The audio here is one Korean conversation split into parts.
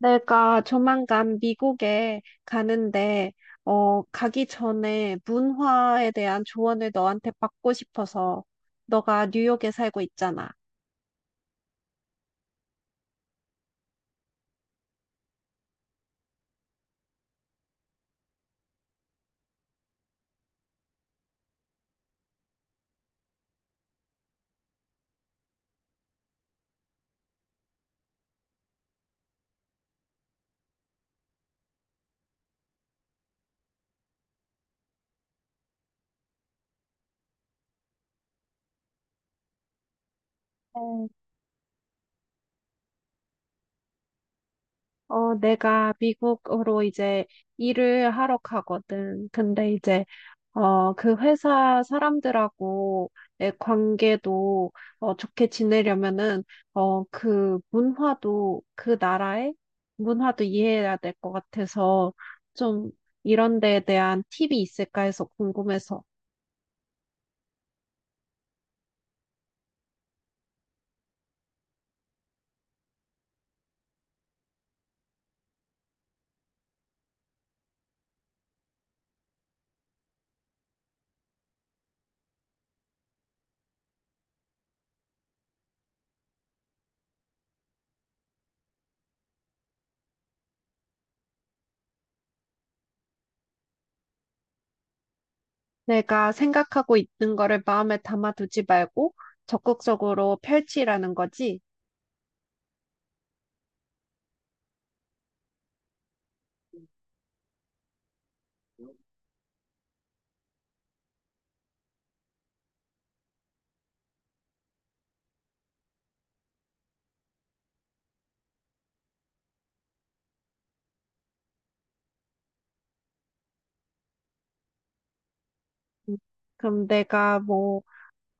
내가 조만간 미국에 가는데, 가기 전에 문화에 대한 조언을 너한테 받고 싶어서, 너가 뉴욕에 살고 있잖아. 어, 내가 미국으로 이제 일을 하러 가거든. 근데 이제 그 회사 사람들하고의 관계도 좋게 지내려면은 그 문화도 그 나라의 문화도 이해해야 될 것 같아서 좀 이런 데에 대한 팁이 있을까 해서 궁금해서 내가 생각하고 있는 거를 마음에 담아두지 말고 적극적으로 펼치라는 거지. 음, 그럼 내가 뭐,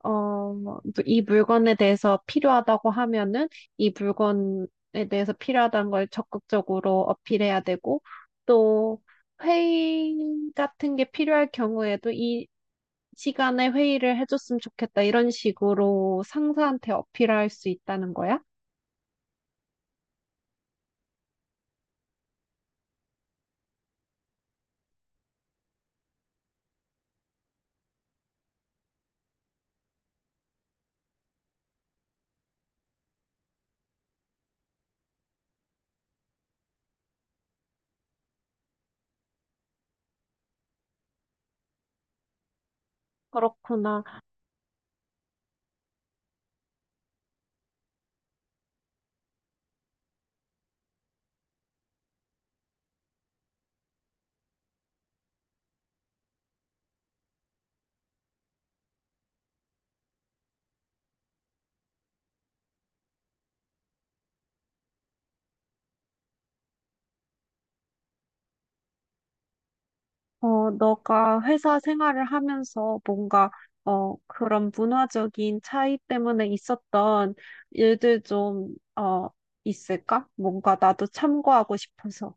뭐 이 물건에 대해서 필요하다고 하면은 이 물건에 대해서 필요하다는 걸 적극적으로 어필해야 되고 또 회의 같은 게 필요할 경우에도 이 시간에 회의를 해줬으면 좋겠다. 이런 식으로 상사한테 어필할 수 있다는 거야? 그렇구나. 너가 회사 생활을 하면서 뭔가, 그런 문화적인 차이 때문에 있었던 일들 좀, 있을까? 뭔가 나도 참고하고 싶어서.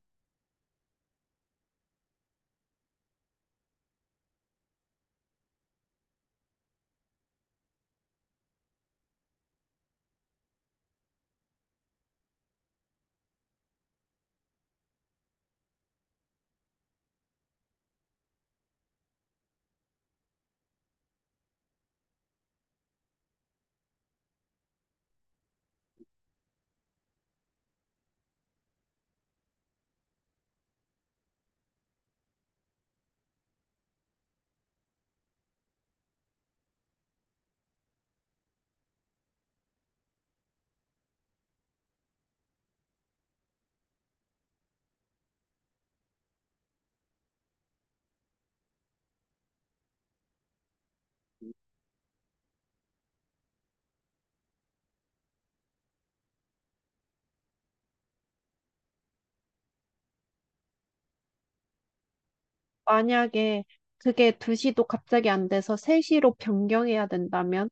만약에 그게 2시도 갑자기 안 돼서 3시로 변경해야 된다면.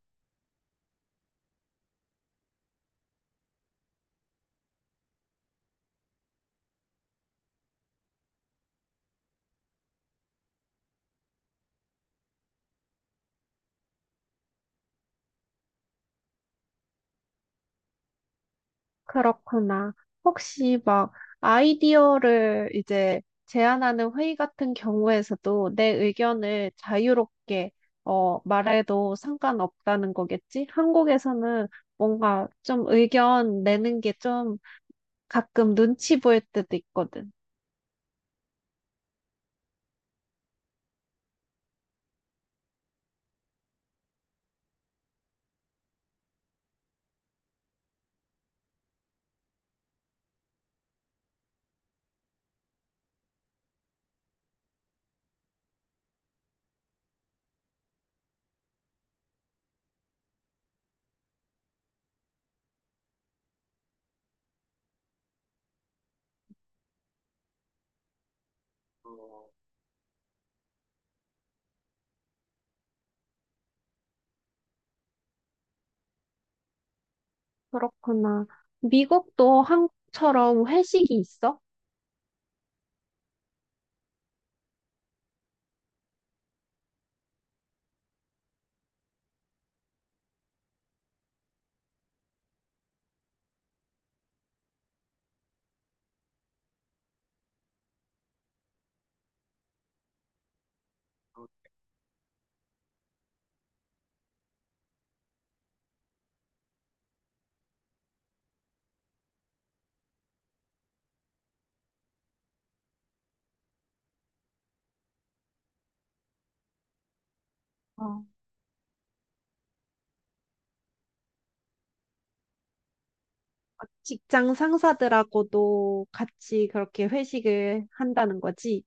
그렇구나. 혹시 막 아이디어를 이제 제안하는 회의 같은 경우에서도 내 의견을 자유롭게 말해도 상관없다는 거겠지? 한국에서는 뭔가 좀 의견 내는 게 좀 가끔 눈치 보일 때도 있거든. 그렇구나. 미국도 한국처럼 회식이 있어? 어, 직장 상사들하고도 같이 그렇게 회식을 한다는 거지?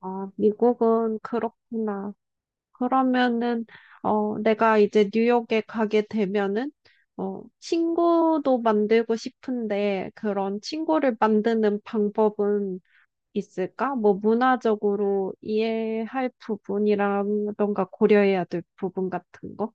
아, 미국은 그렇구나. 그러면은, 내가 이제 뉴욕에 가게 되면은, 친구도 만들고 싶은데, 그런 친구를 만드는 방법은 있을까? 뭐, 문화적으로 이해할 부분이라던가 고려해야 될 부분 같은 거?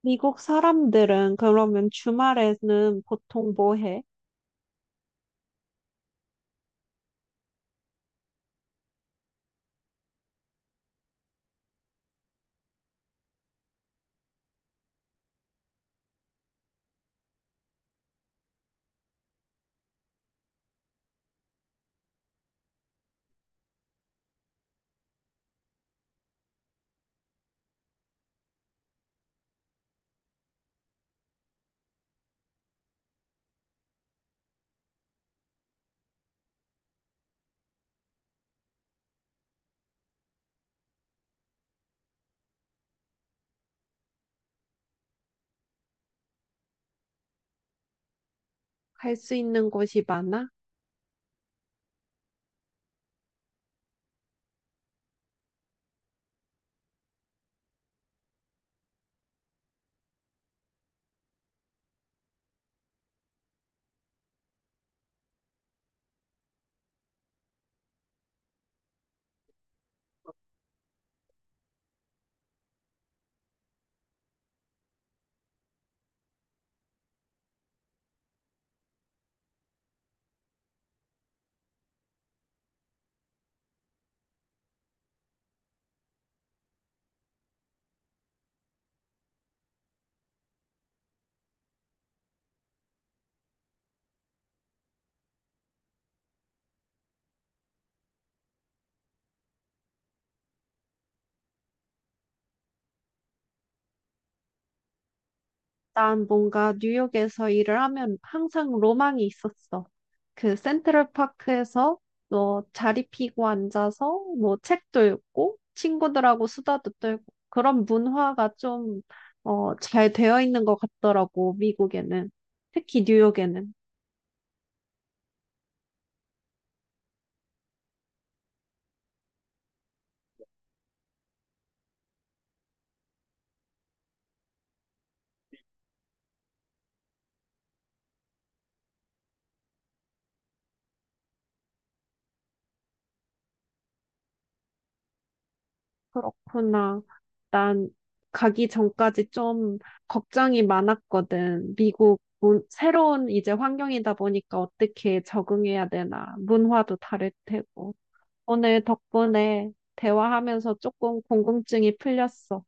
미국 사람들은 그러면 주말에는 보통 뭐 해? 갈 수 있는 곳이 많아? 난 뭔가 뉴욕에서 일을 하면 항상 로망이 있었어. 그 센트럴파크에서 뭐 자리 피고 앉아서 뭐 책도 읽고 친구들하고 수다도 떨고 그런 문화가 좀, 잘 되어 있는 것 같더라고, 미국에는. 특히 뉴욕에는. 그렇구나. 난 가기 전까지 좀 걱정이 많았거든. 미국 문- 새로운 이제 환경이다 보니까 어떻게 적응해야 되나. 문화도 다를 테고. 오늘 덕분에 대화하면서 조금 궁금증이 풀렸어.